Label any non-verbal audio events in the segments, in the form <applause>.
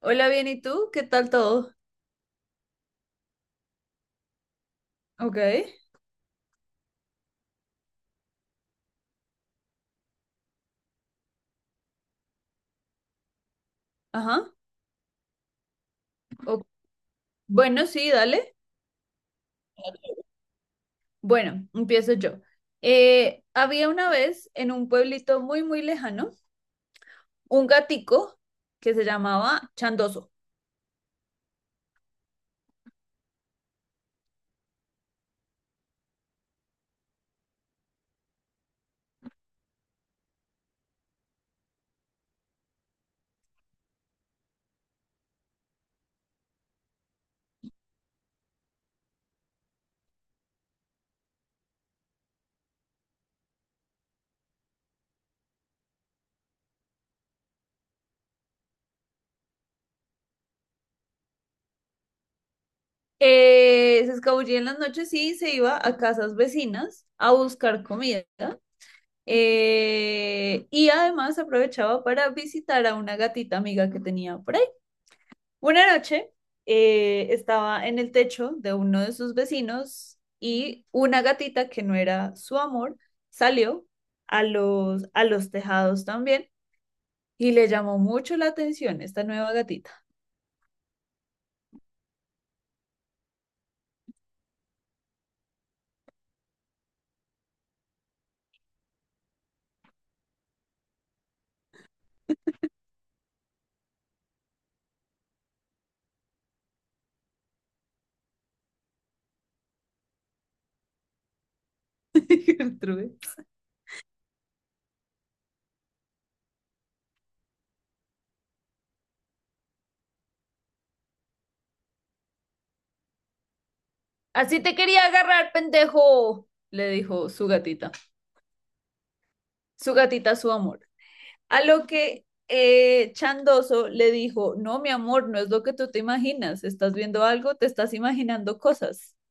Hola, bien, ¿y tú? ¿Qué tal todo? Ok, ajá. o- Bueno, sí, dale. Bueno, empiezo yo. Había una vez en un pueblito muy, muy lejano un gatico que se llamaba Chandoso. Se escabullía en las noches y se iba a casas vecinas a buscar comida. Y además aprovechaba para visitar a una gatita amiga que tenía por una noche estaba en el techo de uno de sus vecinos y una gatita que no era su amor salió a los tejados también y le llamó mucho la atención esta nueva gatita. <laughs> Gertrude. Así te quería agarrar, pendejo, le dijo su gatita. Su gatita, su amor. A lo que Chandoso le dijo, no, mi amor, no es lo que tú te imaginas, estás viendo algo, te estás imaginando cosas. <laughs>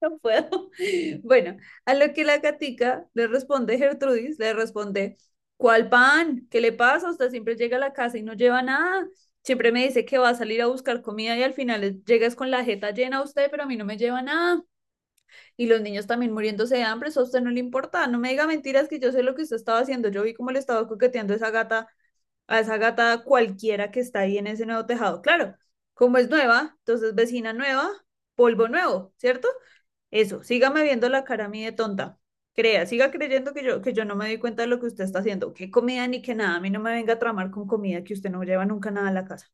No puedo. Bueno, a lo que la gatica le responde, Gertrudis, le responde, ¿cuál pan? ¿Qué le pasa? Usted siempre llega a la casa y no lleva nada. Siempre me dice que va a salir a buscar comida y al final llegas con la jeta llena usted, pero a mí no me lleva nada. Y los niños también muriéndose de hambre, eso a usted no le importa. No me diga mentiras que yo sé lo que usted estaba haciendo. Yo vi cómo le estaba coqueteando a esa gata cualquiera que está ahí en ese nuevo tejado. Claro, como es nueva, entonces vecina nueva, polvo nuevo, ¿cierto? Eso, sígame viendo la cara a mí de tonta. Crea, siga creyendo que yo no me doy cuenta de lo que usted está haciendo. Qué comida ni qué nada, a mí no me venga a tramar con comida que usted no lleva nunca nada a la casa.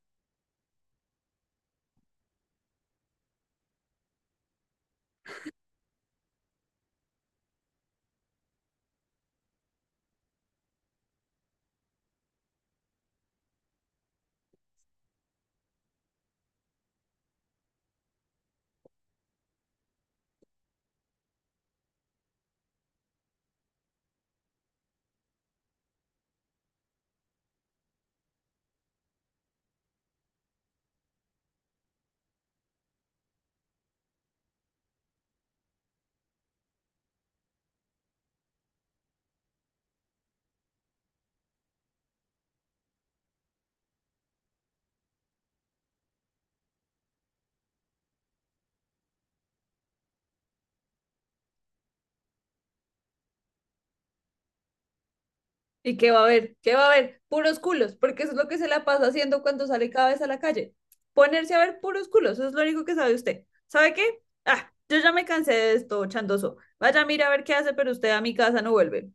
¿Y qué va a haber? ¿Qué va a haber? Puros culos, porque eso es lo que se la pasa haciendo cuando sale cada vez a la calle. Ponerse a ver puros culos, eso es lo único que sabe usted. ¿Sabe qué? Ah, yo ya me cansé de esto, Chandoso. Vaya, mira a ver qué hace, pero usted a mi casa no vuelve.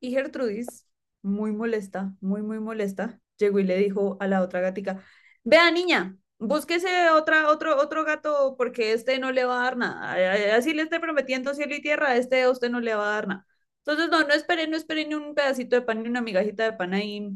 Y Gertrudis, muy molesta, muy, muy molesta, llegó y le dijo a la otra gatica, vea niña, búsquese otra, otro gato porque este no le va a dar nada. Así le esté prometiendo cielo y tierra, a este a usted no le va a dar nada. Entonces, no espere, no espere ni un pedacito de pan, ni una migajita de pan ahí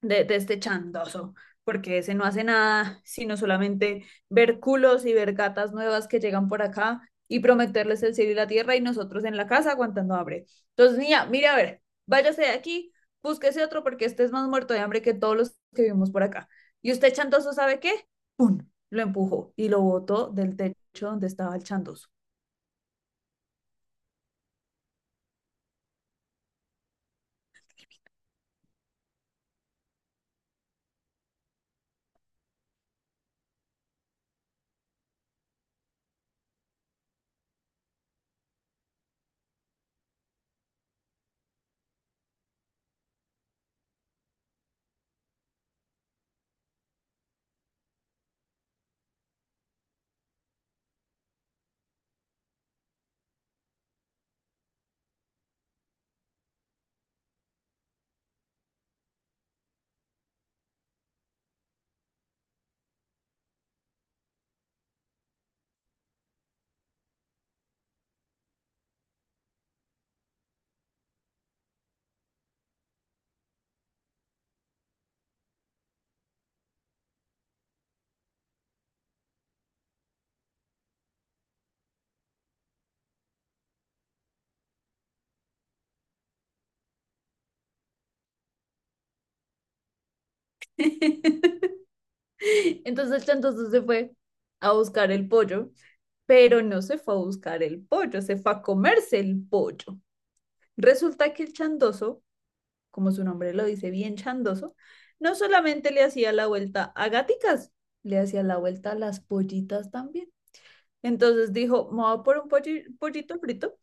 de este chandoso, porque ese no hace nada, sino solamente ver culos y ver gatas nuevas que llegan por acá y prometerles el cielo y la tierra y nosotros en la casa aguantando hambre. Entonces, niña, mire a ver, váyase de aquí, búsquese otro porque este es más muerto de hambre que todos los que vivimos por acá. Y usted chandoso, ¿sabe qué? ¡Pum! Lo empujó y lo botó del techo donde estaba el chandoso. <laughs> Entonces el chandoso se fue a buscar el pollo, pero no se fue a buscar el pollo, se fue a comerse el pollo. Resulta que el chandoso, como su nombre lo dice, bien chandoso, no solamente le hacía la vuelta a gaticas, le hacía la vuelta a las pollitas también. Entonces dijo, me voy por un pollito frito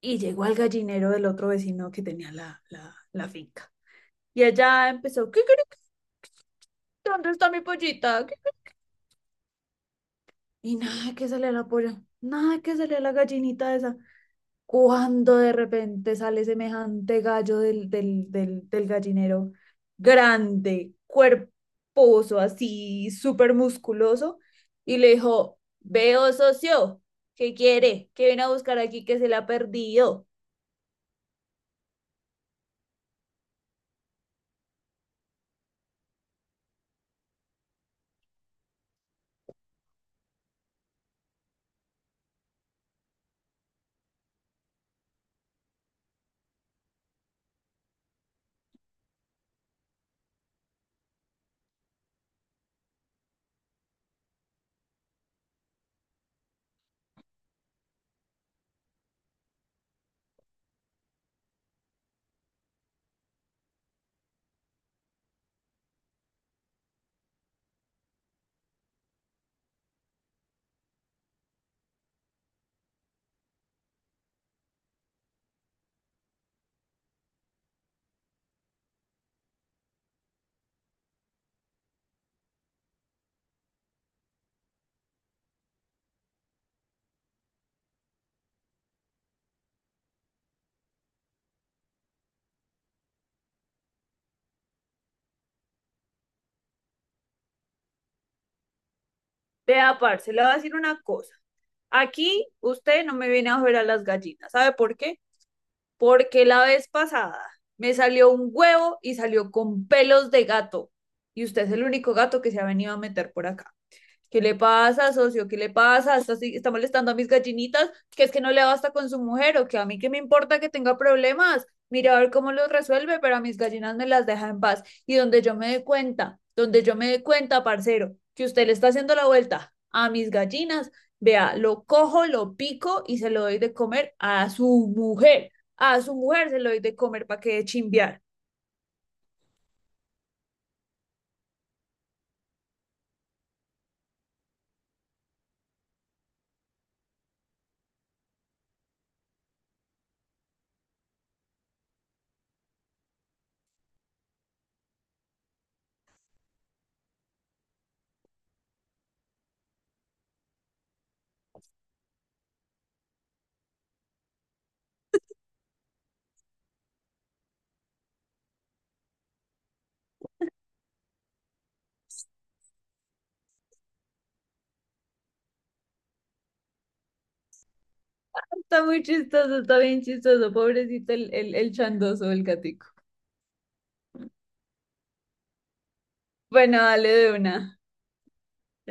y llegó al gallinero del otro vecino que tenía la finca. Y allá empezó, ¿qué? ¿Dónde está mi pollita? Y nada que sale la polla, nada que sale la gallinita esa. Cuando de repente sale semejante gallo del gallinero, grande, cuerposo, así, súper musculoso, y le dijo, veo socio, ¿qué quiere? ¿Qué viene a buscar aquí que se le ha perdido? Vea, parce, le voy a decir una cosa. Aquí usted no me viene a joder a las gallinas, ¿sabe por qué? Porque la vez pasada me salió un huevo y salió con pelos de gato, y usted es el único gato que se ha venido a meter por acá. ¿Qué le pasa, socio? ¿Qué le pasa? ¿Está molestando a mis gallinitas? ¿Que es que no le basta con su mujer o que a mí qué me importa que tenga problemas? Mira a ver cómo los resuelve, pero a mis gallinas me las deja en paz. Y donde yo me dé cuenta, donde yo me dé cuenta, parcero, que usted le está haciendo la vuelta a mis gallinas, vea, lo cojo, lo pico y se lo doy de comer a su mujer. A su mujer se lo doy de comer para que de chimbear. Está muy chistoso, está bien chistoso, pobrecito el chandoso, el gatico. Bueno, dale de una. Ya